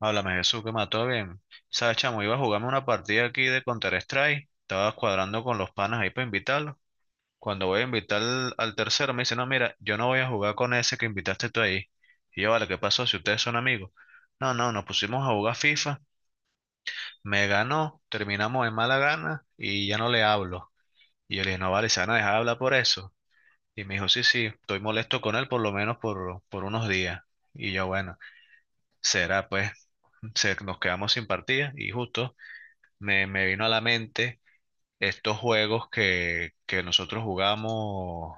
Háblame, Jesús, que mató bien. Sabes, chamo, iba a jugarme una partida aquí de Counter-Strike. Estaba cuadrando con los panas ahí para invitarlos. Cuando voy a invitar al tercero, me dice, no, mira, yo no voy a jugar con ese que invitaste tú ahí. Y yo, vale, ¿qué pasó si ustedes son amigos? No, no, nos pusimos a jugar FIFA. Me ganó, terminamos en mala gana y ya no le hablo. Y yo le dije, no, vale, se van a dejar hablar por eso. Y me dijo, sí, sí, estoy molesto con él por lo menos por unos días. Y yo, bueno, será pues, nos quedamos sin partida y justo. Me vino a la mente estos juegos que nosotros jugamos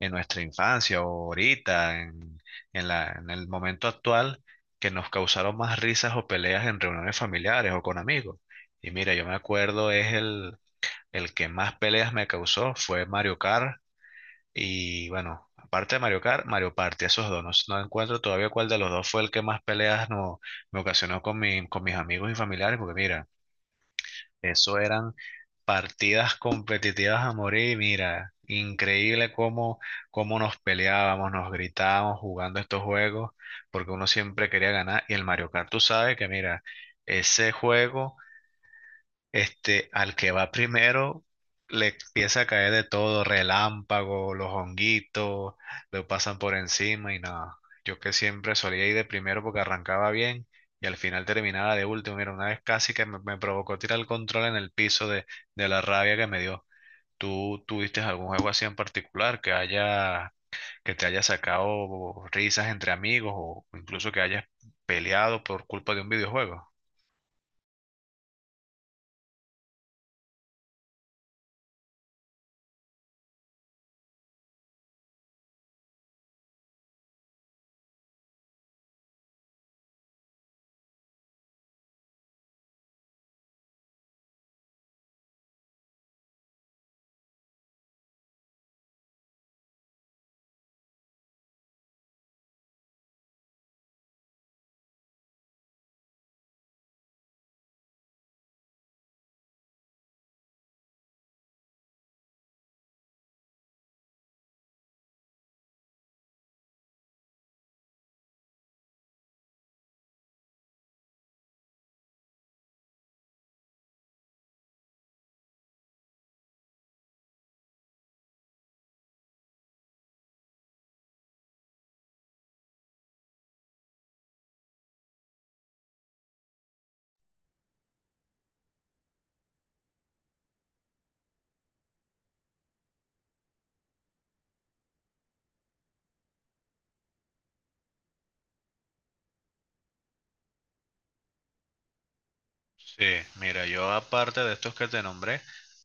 en nuestra infancia o ahorita, en en el momento actual, que nos causaron más risas o peleas en reuniones familiares o con amigos. Y mira, yo me acuerdo, el que más peleas me causó fue Mario Kart. Y bueno, aparte de Mario Kart, Mario Party, esos dos. No encuentro todavía cuál de los dos fue el que más peleas no, me ocasionó con mis amigos y familiares, porque mira, eso eran partidas competitivas a morir. Mira, increíble cómo nos peleábamos, nos gritábamos jugando estos juegos, porque uno siempre quería ganar. Y el Mario Kart, tú sabes que, mira, ese juego este, al que va primero le empieza a caer de todo, relámpago, los honguitos, lo pasan por encima y nada. Yo que siempre solía ir de primero porque arrancaba bien y al final terminaba de último. Mira, una vez casi que me provocó tirar el control en el piso de la rabia que me dio. ¿Tú tuviste algún juego así en particular que haya, que te haya sacado risas entre amigos o incluso que hayas peleado por culpa de un videojuego? Sí, mira, yo aparte de estos que te nombré,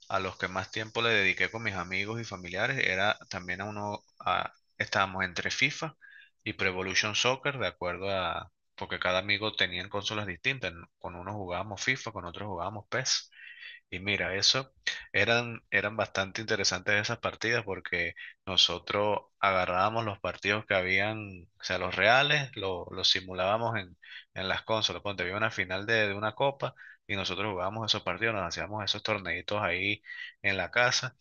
a los que más tiempo le dediqué con mis amigos y familiares era también a uno, a- estábamos entre FIFA y Pro Evolution Soccer, de acuerdo a, porque cada amigo tenía consolas distintas, ¿no? Con unos jugábamos FIFA, con otros jugábamos PES. Y mira, eso eran bastante interesantes esas partidas porque nosotros agarrábamos los partidos que habían, o sea, los reales, lo- los simulábamos en las consolas. Ponte, había una final de una copa y nosotros jugábamos esos partidos, nos hacíamos esos torneitos ahí en la casa.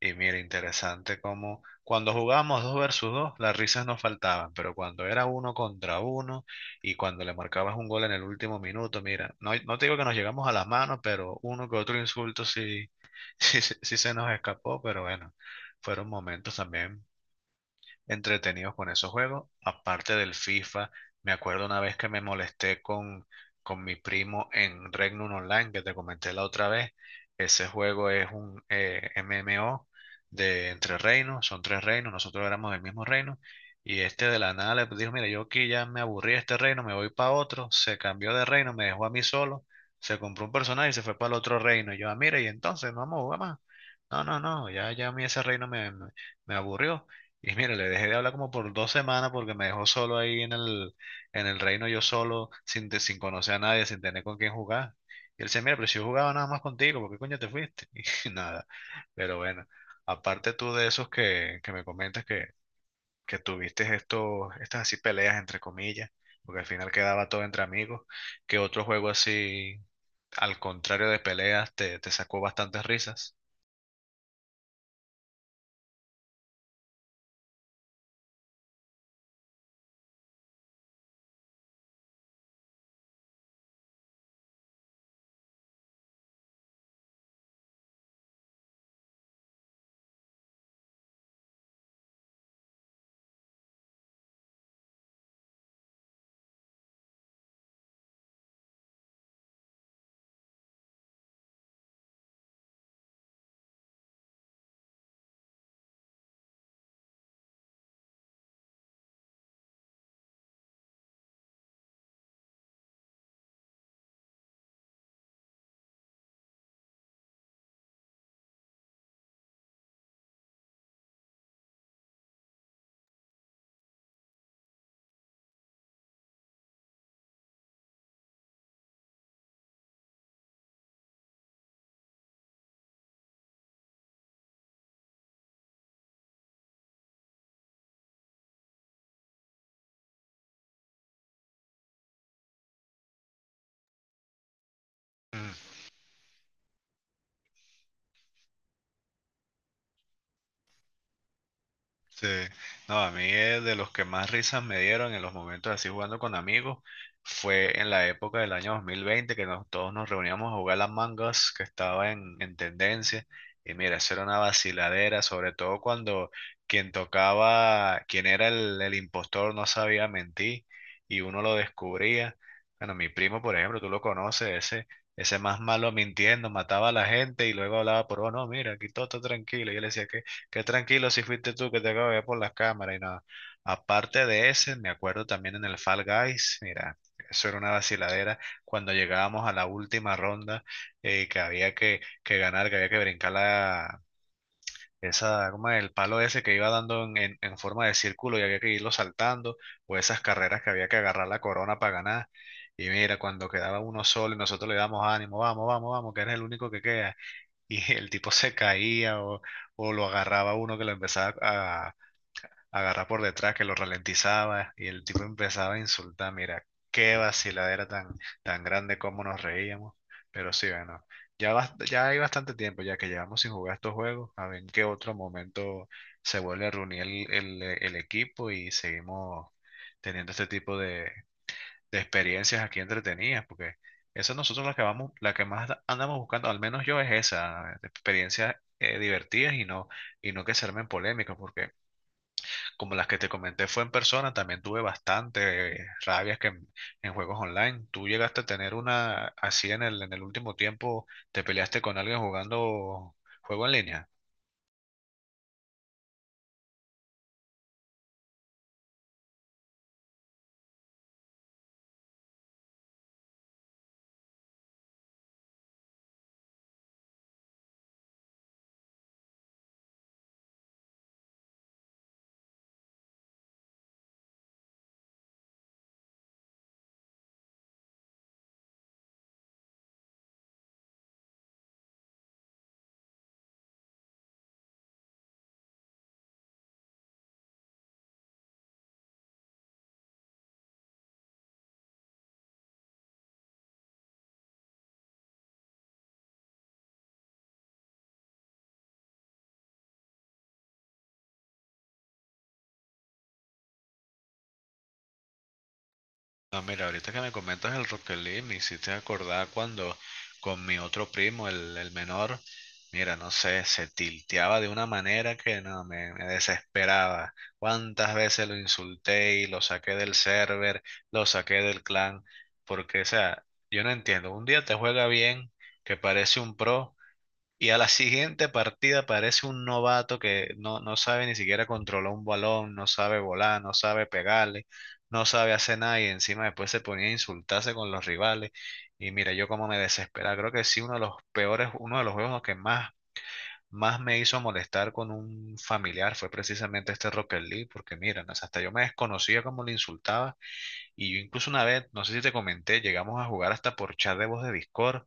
Y mira, interesante cómo cuando jugábamos dos versus dos, las risas nos faltaban, pero cuando era uno contra uno y cuando le marcabas un gol en el último minuto, mira, no te digo que nos llegamos a las manos, pero uno que otro insulto sí, sí, sí se nos escapó, pero bueno, fueron momentos también entretenidos con esos juegos. Aparte del FIFA, me acuerdo una vez que me molesté con mi primo en Regnum Online, que te comenté la otra vez. Ese juego es un MMO de entre reinos, son tres reinos, nosotros éramos del mismo reino. Y este de la nada le dijo, mira, yo aquí ya me aburrí de este reino, me voy para otro. Se cambió de reino, me dejó a mí solo. Se compró un personaje y se fue para el otro reino. Y yo, ah, mira, y entonces, no vamos a jugar más. No, no, no, ya, ya a mí ese reino me me aburrió. Y mira, le dejé de hablar como por 2 semanas porque me dejó solo ahí en el reino, yo solo, sin, te- sin conocer a nadie, sin tener con quién jugar. Y él decía, mira, pero si yo jugaba nada más contigo, ¿por qué coño te fuiste? Y nada. Pero bueno, aparte tú de esos que me comentas que tuviste estos, estas así peleas entre comillas, porque al final quedaba todo entre amigos, que otro juego así, al contrario de peleas, te sacó bastantes risas? Sí, no, a mí de los que más risas me dieron en los momentos así jugando con amigos fue en la época del año 2020 que nos, todos nos reuníamos a jugar las mangas que estaba en tendencia. Y mira, eso era una vaciladera, sobre todo cuando quien tocaba, quien era el impostor no sabía mentir y uno lo descubría. Bueno, mi primo, por ejemplo, tú lo conoces, ese más malo mintiendo, mataba a la gente y luego hablaba por, oh, no, mira, aquí todo está tranquilo. Y yo le decía, ¿qué? Qué tranquilo si fuiste tú que te acabo de ver por las cámaras y nada. Aparte de ese, me acuerdo también en el Fall Guys, mira, eso era una vaciladera cuando llegábamos a la última ronda que ganar, que había que brincar esa, ¿cómo es? El palo ese que iba dando en forma de círculo y había que irlo saltando, o esas carreras que había que agarrar la corona para ganar. Y mira, cuando quedaba uno solo y nosotros le damos ánimo, vamos, vamos, vamos, que eres el único que queda y el tipo se caía o lo agarraba uno que lo empezaba a agarrar por detrás, que lo ralentizaba y el tipo empezaba a insultar. Mira, qué vaciladera tan grande como nos reíamos, pero sí, bueno, ya, ya hay bastante tiempo ya que llevamos sin jugar estos juegos, a ver en qué otro momento se vuelve a reunir el equipo y seguimos teniendo este tipo de experiencias aquí entretenidas, porque esa nosotros la que vamos, la que más andamos buscando, al menos yo es esa, de experiencias divertidas y no que se armen polémicas, porque como las que te comenté fue en persona, también tuve bastante rabias en juegos online. ¿Tú llegaste a tener una así en el último tiempo, te peleaste con alguien jugando juego en línea? No, mira, ahorita que me comentas el Rocket League, me hiciste acordar cuando con mi otro primo, el menor, mira, no sé, se tilteaba de una manera que no, me desesperaba. Cuántas veces lo insulté y lo saqué del server, lo saqué del clan, porque, o sea, yo no entiendo, un día te juega bien, que parece un pro, y a la siguiente partida parece un novato que no, no sabe ni siquiera controlar un balón, no sabe volar, no sabe pegarle, no sabe hacer nada y encima después se ponía a insultarse con los rivales. Y mira, yo como me desesperaba. Creo que sí, uno de los peores, uno de los juegos más me hizo molestar con un familiar fue precisamente este Rocket League, porque mira, no sé, hasta yo me desconocía cómo le insultaba. Y yo incluso una vez, no sé si te comenté, llegamos a jugar hasta por chat de voz de Discord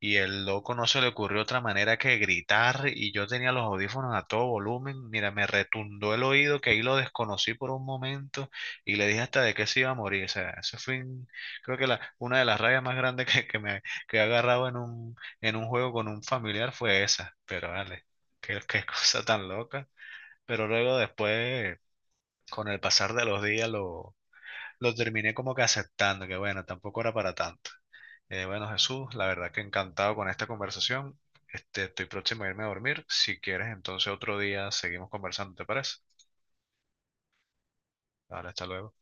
y el loco no se le ocurrió otra manera que gritar y yo tenía los audífonos a todo volumen. Mira, me retundó el oído que ahí lo desconocí por un momento y le dije hasta de qué se iba a morir. O sea, eso fue, un- creo que la, una de las rayas más grandes que me que he agarrado en un juego con un familiar fue esa. Pero vale, qué, qué cosa tan loca. Pero luego después, con el pasar de los días, lo terminé como que aceptando, que bueno, tampoco era para tanto. Bueno, Jesús, la verdad que encantado con esta conversación. Este, estoy próximo a irme a dormir. Si quieres, entonces otro día seguimos conversando, ¿te parece? Vale, hasta luego.